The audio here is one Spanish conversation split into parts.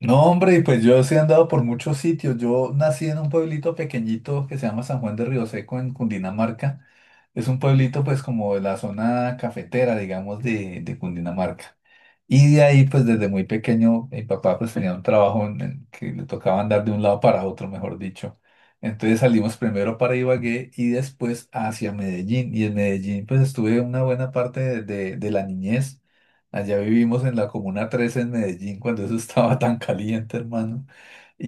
No, hombre, y pues yo sí he andado por muchos sitios. Yo nací en un pueblito pequeñito que se llama San Juan de Río Seco en Cundinamarca. Es un pueblito pues como de la zona cafetera, digamos, de Cundinamarca. Y de ahí, pues desde muy pequeño, mi papá pues tenía un trabajo en el que le tocaba andar de un lado para otro, mejor dicho. Entonces salimos primero para Ibagué y después hacia Medellín. Y en Medellín pues estuve una buena parte de la niñez. Allá vivimos en la Comuna 13 en Medellín cuando eso estaba tan caliente, hermano.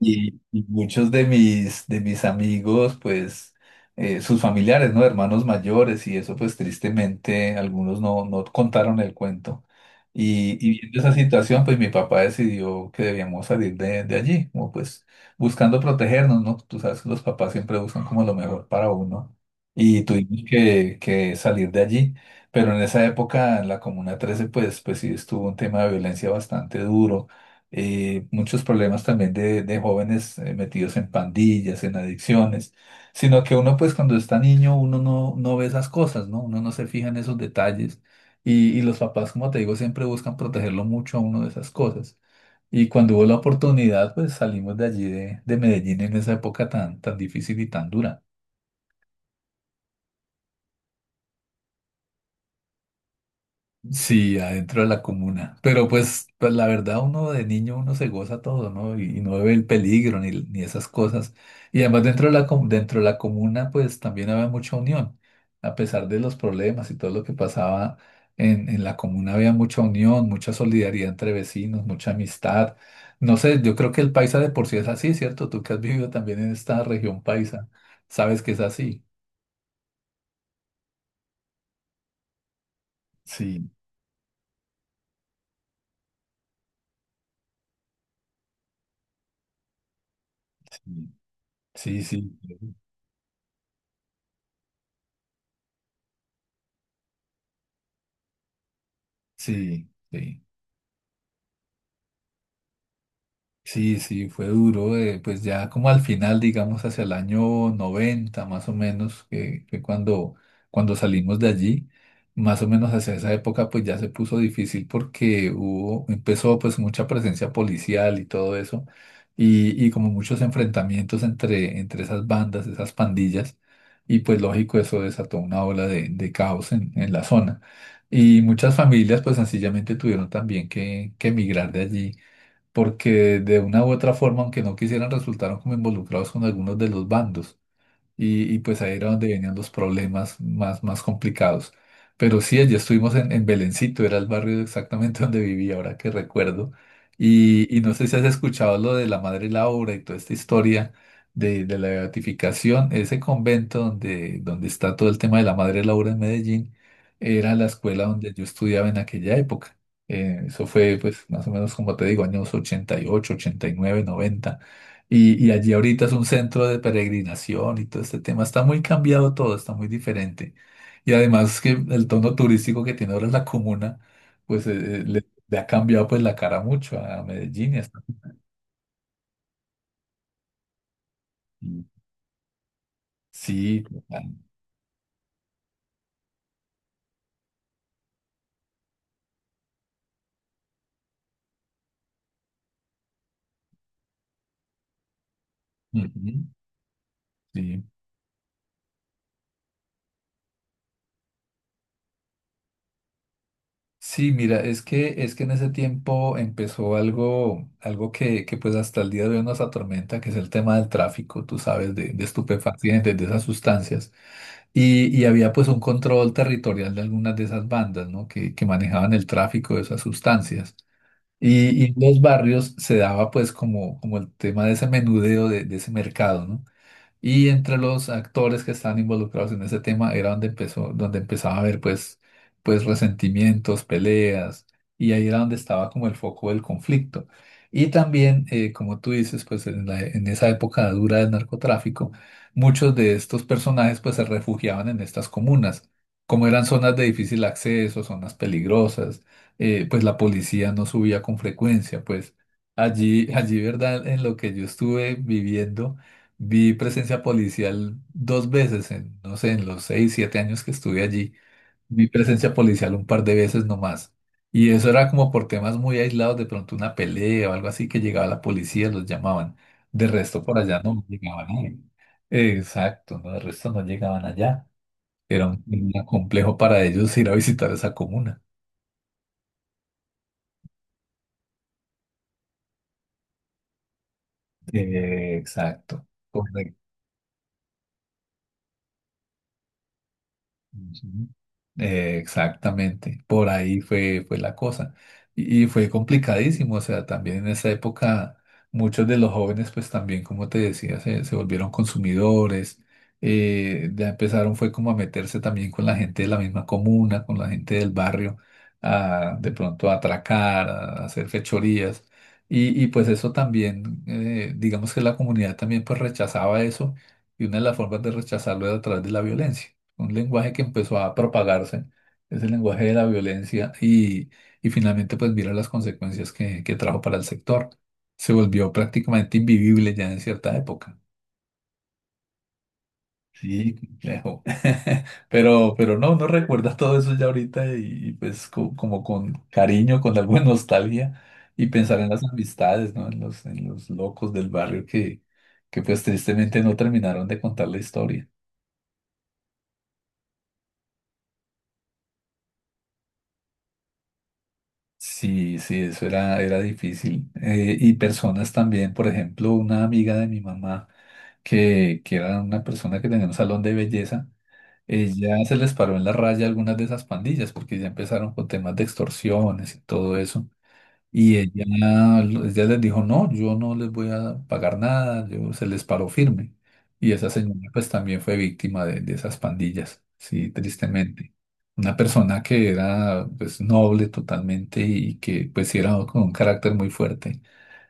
Y muchos de mis amigos, pues, sus familiares, ¿no? Hermanos mayores y eso, pues, tristemente, algunos no, no contaron el cuento. Y viendo esa situación, pues, mi papá decidió que debíamos salir de allí, como pues, buscando protegernos, ¿no? Tú sabes que los papás siempre buscan como lo mejor para uno. Y tuvimos que salir de allí. Pero en esa época, en la Comuna 13, pues sí estuvo un tema de violencia bastante duro, muchos problemas también de jóvenes, metidos en pandillas, en adicciones, sino que uno pues cuando está niño uno no, no ve esas cosas, ¿no? Uno no se fija en esos detalles y los papás, como te digo, siempre buscan protegerlo mucho a uno de esas cosas. Y cuando hubo la oportunidad, pues salimos de allí de Medellín en esa época tan difícil y tan dura. Sí, adentro de la comuna. Pero pues la verdad, uno de niño, uno se goza todo, ¿no? Y no ve el peligro ni esas cosas. Y además dentro de la, dentro de la comuna, pues también había mucha unión. A pesar de los problemas y todo lo que pasaba en la comuna, había mucha unión, mucha solidaridad entre vecinos, mucha amistad. No sé, yo creo que el paisa de por sí es así, ¿cierto? Tú que has vivido también en esta región paisa, sabes que es así. Sí, sí, sí, sí, sí, sí. Sí, sí, fue duro, pues ya como al final, digamos, hacia el año 90, más o menos, que fue cuando salimos de allí, más o menos hacia esa época, pues ya se puso difícil porque hubo, empezó pues mucha presencia policial y todo eso, y como muchos enfrentamientos entre esas bandas, esas pandillas, y pues lógico eso desató una ola de caos en la zona. Y muchas familias pues sencillamente tuvieron también que emigrar de allí porque de una u otra forma, aunque no quisieran, resultaron como involucrados con algunos de los bandos y pues ahí era donde venían los problemas más complicados. Pero sí, allí estuvimos en Belencito, era el barrio exactamente donde vivía, ahora que recuerdo. Y no sé si has escuchado lo de la Madre Laura y toda esta historia de la beatificación. Ese convento donde, donde está todo el tema de la Madre Laura en Medellín era la escuela donde yo estudiaba en aquella época. Eso fue, pues, más o menos como te digo, años 80, 88, 89, 90, y allí ahorita es un centro de peregrinación y todo este tema. Está muy cambiado todo, está muy diferente. Y además que el tono turístico que tiene ahora la comuna, pues le ha cambiado pues la cara mucho a Medellín. Sí, total. Ujú, sí. Sí, mira, es que en ese tiempo empezó algo, algo que pues hasta el día de hoy nos atormenta, que es el tema del tráfico, tú sabes, de estupefacientes, de esas sustancias. Y había pues un control territorial de algunas de esas bandas, ¿no? Que manejaban el tráfico de esas sustancias. Y en los barrios se daba pues como el tema de ese menudeo, de ese mercado, ¿no? Y entre los actores que estaban involucrados en ese tema era donde empezó, donde empezaba a haber pues resentimientos, peleas, y ahí era donde estaba como el foco del conflicto. Y también, como tú dices, pues en esa época dura del narcotráfico, muchos de estos personajes pues se refugiaban en estas comunas. Como eran zonas de difícil acceso, zonas peligrosas, pues la policía no subía con frecuencia, pues allí, ¿verdad? En lo que yo estuve viviendo. Vi presencia policial dos veces en, no sé, en los seis, siete años que estuve allí. Vi presencia policial un par de veces nomás. Y eso era como por temas muy aislados, de pronto una pelea o algo así que llegaba la policía, los llamaban. De resto por allá no llegaban nadie. Exacto, no, de resto no llegaban allá. Era un complejo para ellos ir a visitar esa comuna. Exacto. Ujú. Exactamente, por ahí fue, fue la cosa. Y fue complicadísimo, o sea, también en esa época muchos de los jóvenes, pues también, como te decía, se volvieron consumidores, ya empezaron fue como a meterse también con la gente de la misma comuna, con la gente del barrio, a de pronto a atracar, a hacer fechorías. Y pues eso también, digamos que la comunidad también pues rechazaba eso y una de las formas de rechazarlo era a través de la violencia, un lenguaje que empezó a propagarse, es el lenguaje de la violencia y finalmente pues mira las consecuencias que trajo para el sector. Se volvió prácticamente invivible ya en cierta época. Sí, complejo. Pero no, no recuerda todo eso ya ahorita y, pues como con cariño, con alguna nostalgia y pensar en las amistades, ¿no? En los locos del barrio que pues tristemente no terminaron de contar la historia. Sí, sí, eso era difícil. Y personas también, por ejemplo, una amiga de mi mamá, que era una persona que tenía un salón de belleza, ella se les paró en la raya a algunas de esas pandillas, porque ya empezaron con temas de extorsiones y todo eso. Y ella les dijo, no, yo no les voy a pagar nada, yo se les paró firme. Y esa señora pues también fue víctima de esas pandillas, sí, tristemente. Una persona que era pues noble totalmente y que pues sí era con un carácter muy fuerte,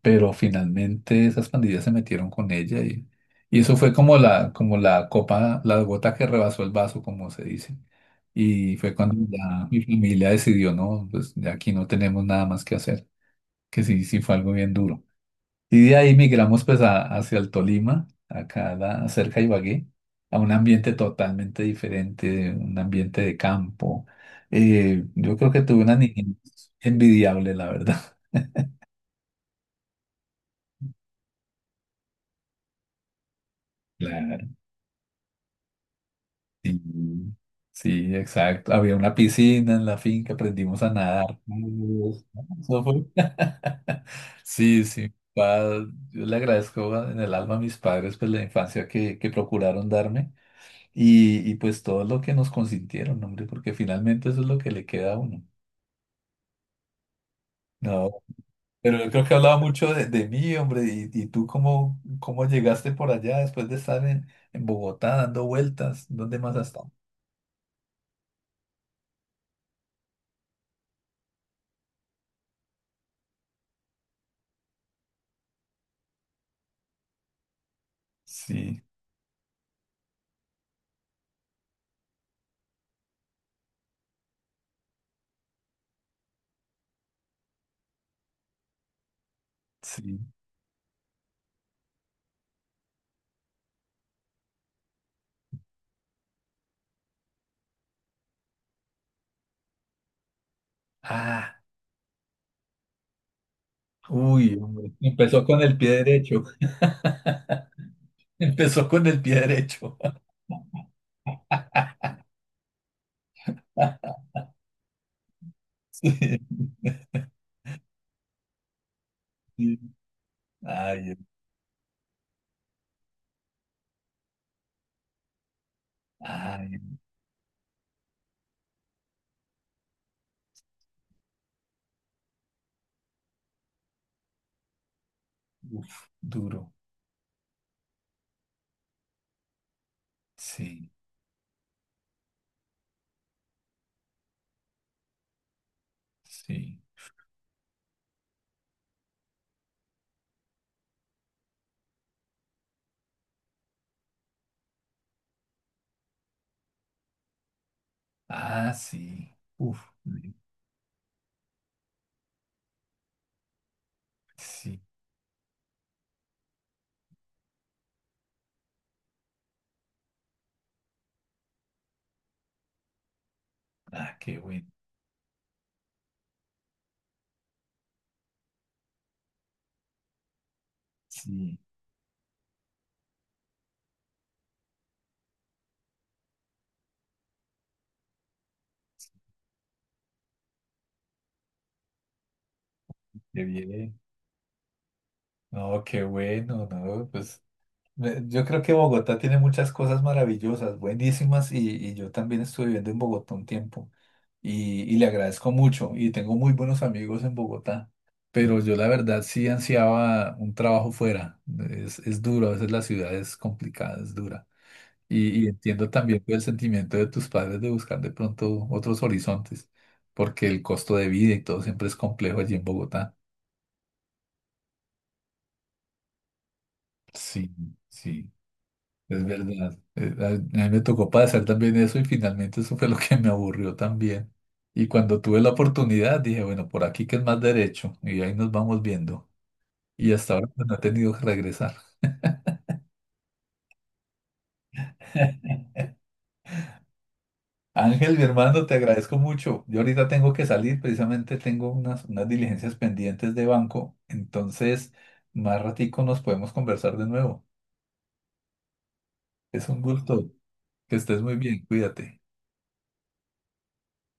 pero finalmente esas pandillas se metieron con ella y eso fue como la copa, la gota que rebasó el vaso, como se dice. Y fue cuando ya mi familia decidió, no, pues de aquí no tenemos nada más que hacer que sí, sí fue algo bien duro. Y de ahí migramos pues hacia el Tolima, acá cerca de Ibagué, a un ambiente totalmente diferente, un ambiente de campo. Yo creo que tuve una niñez envidiable, la verdad. Claro. Sí, sí, exacto. Había una piscina en la finca, aprendimos a nadar juntos, ¿no? Eso fue- Sí, sí. Yo le agradezco en el alma a mis padres pues la infancia que procuraron darme. Y pues todo lo que nos consintieron, hombre, porque finalmente eso es lo que le queda a uno. No, pero yo creo que hablaba mucho de mí, hombre, y tú cómo llegaste por allá después de estar en Bogotá dando vueltas, ¿dónde más has estado? Sí, sí. Ah, uy, hombre, empezó con el pie derecho. Empezó con el pie derecho. Sí, sí. Ay, ay, uf, duro. Sí, sí. Ah, sí. Uf, sí. Ah, qué bueno. Sí, qué bien. No, qué bueno, no, pues yo creo que Bogotá tiene muchas cosas maravillosas, buenísimas, y yo también estuve viviendo en Bogotá un tiempo y le agradezco mucho y tengo muy buenos amigos en Bogotá, pero yo la verdad sí ansiaba un trabajo fuera. Es duro, a veces la ciudad es complicada, es dura. Y entiendo también pues, el sentimiento de tus padres de buscar de pronto otros horizontes, porque el costo de vida y todo siempre es complejo allí en Bogotá. Sí, sí, es verdad. A mí me tocó pasar también eso y finalmente eso fue lo que me aburrió también. Y cuando tuve la oportunidad dije, bueno, por aquí que es más derecho y ahí nos vamos viendo. Y hasta ahora pues, no he tenido que regresar. Ángel, mi hermano, te agradezco mucho. Yo ahorita tengo que salir, precisamente tengo unas diligencias pendientes de banco, entonces más ratico nos podemos conversar de nuevo. Es un gusto, que estés muy bien, cuídate.